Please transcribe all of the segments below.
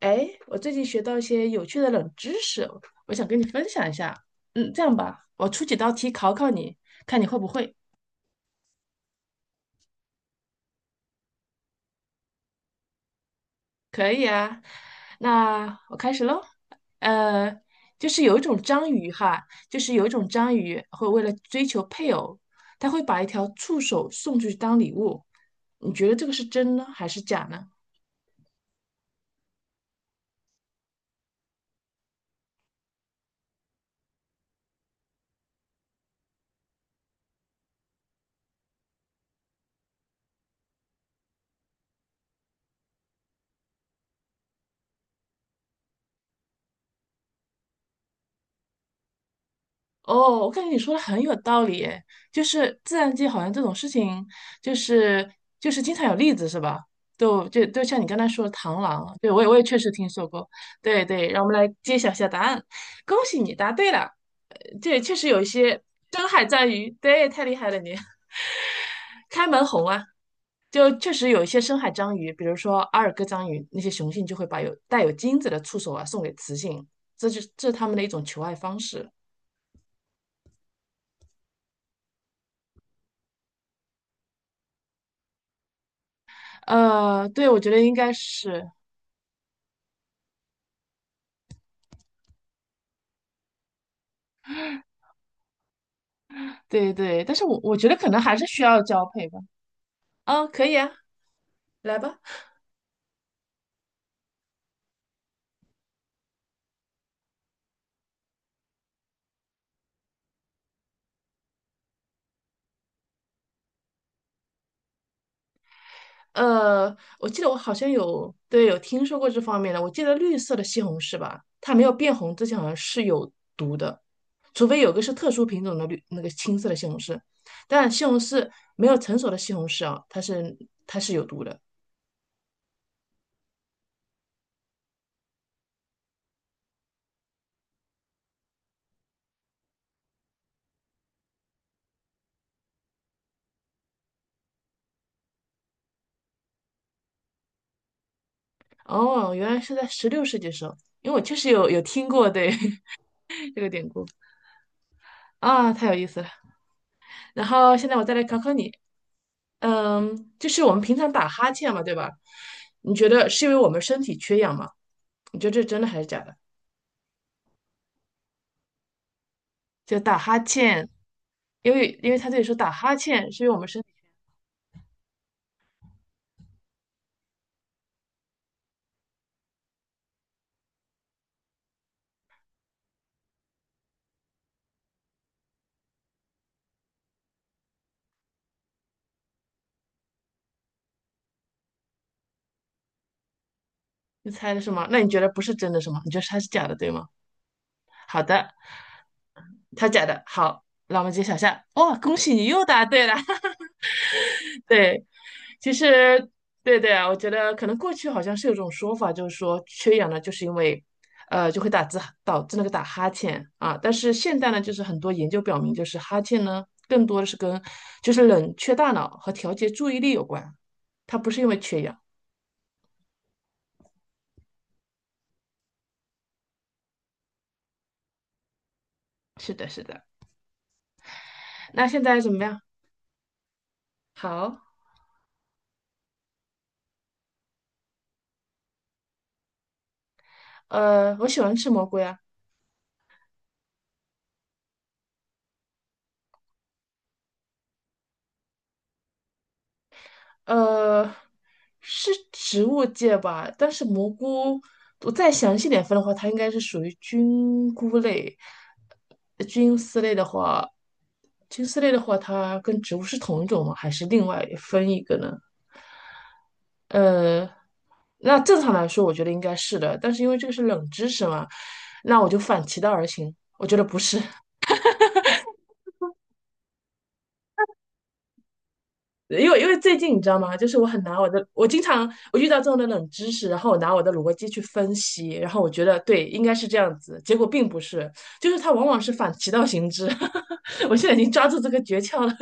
哎，我最近学到一些有趣的冷知识，我想跟你分享一下。这样吧，我出几道题考考你，看你会不会。可以啊，那我开始喽。呃，就是有一种章鱼哈，就是有一种章鱼会为了追求配偶，它会把一条触手送出去当礼物。你觉得这个是真呢，还是假呢？哦，我感觉你说的很有道理诶，就是自然界好像这种事情，就是就是经常有例子是吧？就像你刚才说的螳螂啊，对我也确实听说过，对对，让我们来揭晓一下答案，恭喜你答对了，这确实有一些深海章鱼，对，太厉害了你，开门红啊，就确实有一些深海章鱼，比如说阿尔戈章鱼，那些雄性就会把有带有精子的触手啊送给雌性，这是它们的一种求爱方式。对，我觉得应该是，对对，但是我觉得可能还是需要交配吧。啊，可以啊，来吧。我记得我好像有，对，有听说过这方面的。我记得绿色的西红柿吧，它没有变红之前好像是有毒的，除非有个是特殊品种的绿那个青色的西红柿。但西红柿没有成熟的西红柿啊，它是有毒的。哦，原来是在十六世纪时候，因为我确实有听过对 这个典故啊，太有意思了。然后现在我再来考考你，就是我们平常打哈欠嘛，对吧？你觉得是因为我们身体缺氧吗？你觉得这是真的还是假的？就打哈欠，因为他这里说打哈欠是因为我们身体，你猜的是吗？那你觉得不是真的是吗？你觉得它是假的对吗？好的，它假的。好，那我们揭晓下。哇，恭喜你又答对了。对，其实，对对啊，我觉得可能过去好像是有种说法，就是说缺氧呢，就是因为，就会打字导致那个打哈欠啊。但是现代呢，就是很多研究表明，就是哈欠呢，更多的是跟就是冷却大脑和调节注意力有关，它不是因为缺氧。是的，是的。那现在怎么样？好，我喜欢吃蘑菇呀。呃，是植物界吧？但是蘑菇，我再详细点分的话，它应该是属于菌菇类。菌丝类的话，菌丝类的话，它跟植物是同一种吗？还是另外分一个呢？呃，那正常来说，我觉得应该是的，但是因为这个是冷知识嘛，那我就反其道而行，我觉得不是。因为因为最近你知道吗？就是我很拿我的，我经常我遇到这种的冷知识，然后我拿我的逻辑去分析，然后我觉得对，应该是这样子，结果并不是，就是它往往是反其道行之。我现在已经抓住这个诀窍了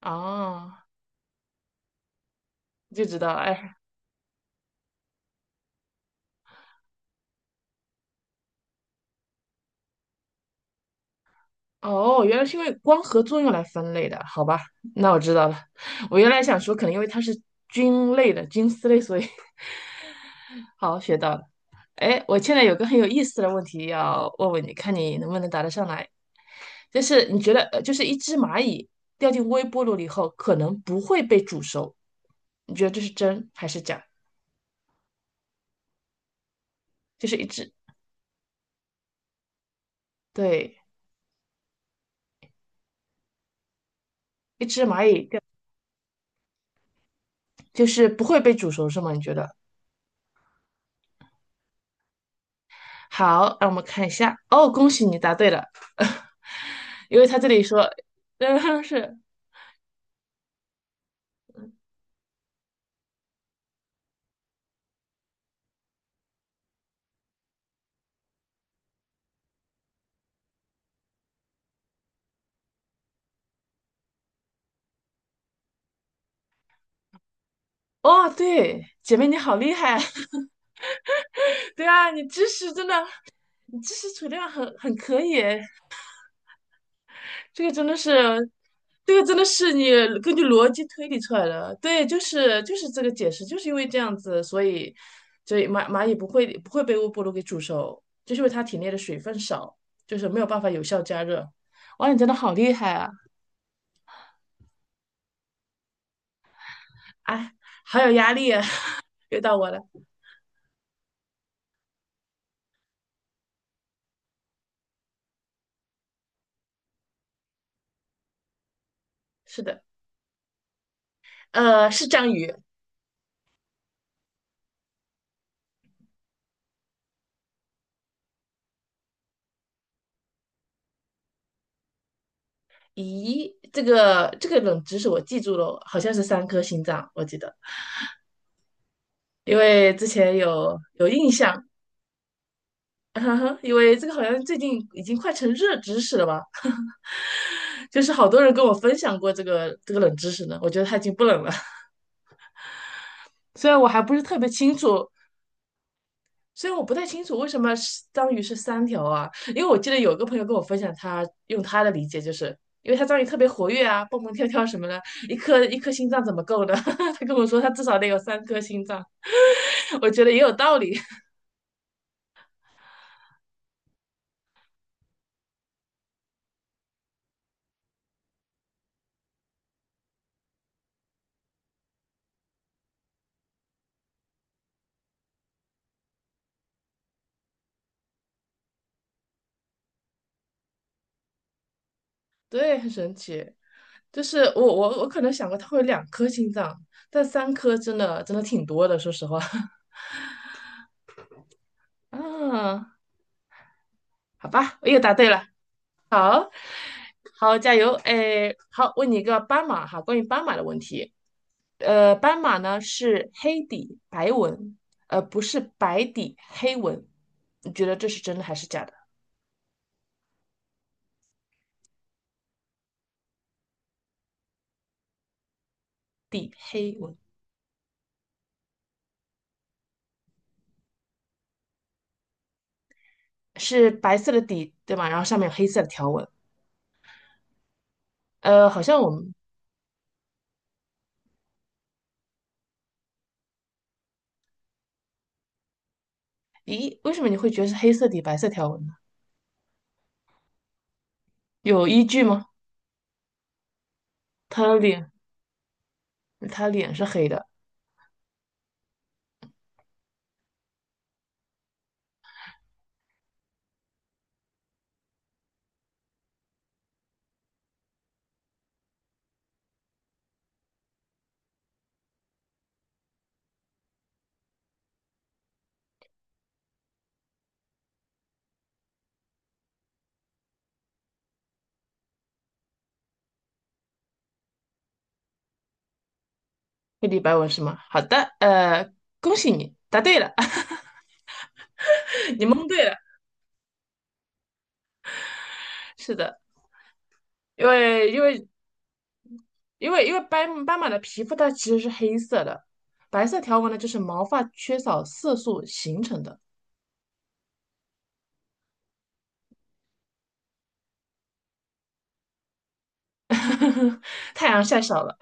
哦，就知道了，哎，哦，原来是因为光合作用来分类的，好吧，那我知道了。我原来想说，可能因为它是菌类的菌丝类，所以 好，学到了。哎，我现在有个很有意思的问题要问问你，看你能不能答得上来。就是你觉得，就是一只蚂蚁掉进微波炉里后，可能不会被煮熟，你觉得这是真还是假？就是一只，对，一只蚂蚁掉，就是不会被煮熟是吗？你觉得？好，让我们看一下。哦，恭喜你答对了，因为他这里说，嗯，是，哦，对，姐妹你好厉害啊，对啊，你知识真的。你知识储量很可以诶，这个真的是，这个真的是你根据逻辑推理出来的。对，就是这个解释，就是因为这样子，所以所以蚂蚁不会被微波炉给煮熟，就是因为它体内的水分少，就是没有办法有效加热。哇，你真的好厉害啊！哎，好有压力啊！又到我了，是的，是章鱼。咦，这个冷知识我记住了，好像是三颗心脏，我记得，因为之前有印象。哈哈，因为这个好像最近已经快成热知识了吧？就是好多人跟我分享过这个冷知识呢，我觉得它已经不冷了。虽然我还不是特别清楚，虽然我不太清楚为什么是章鱼是三条啊，因为我记得有个朋友跟我分享他，用他的理解就是，因为他章鱼特别活跃啊，蹦蹦跳跳什么的，一颗一颗心脏怎么够呢？他跟我说他至少得有三颗心脏，我觉得也有道理，对，很神奇。就是我可能想过它会有两颗心脏，但三颗真的真的挺多的，说实话。啊，好吧，我又答对了，好，好，加油，哎，好，问你一个斑马哈，关于斑马的问题，斑马呢是黑底白纹，不是白底黑纹，你觉得这是真的还是假的？底黑纹是白色的底，对吗？然后上面有黑色的条纹，好像我们，咦，为什么你会觉得是黑色底白色条纹呢？有依据吗？他的脸，他脸是黑的，黑底白纹是吗？好的，恭喜你答对了，你蒙对了。是的，因为因为因为斑马的皮肤它其实是黑色的，白色条纹呢就是毛发缺少色素形成的。太阳晒少了，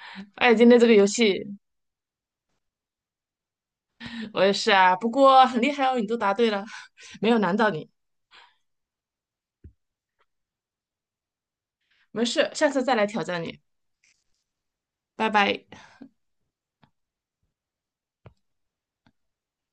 哎，今天这个游戏我也是啊，不过很厉害哦，你都答对了，没有难到你，没事，下次再来挑战你，拜拜。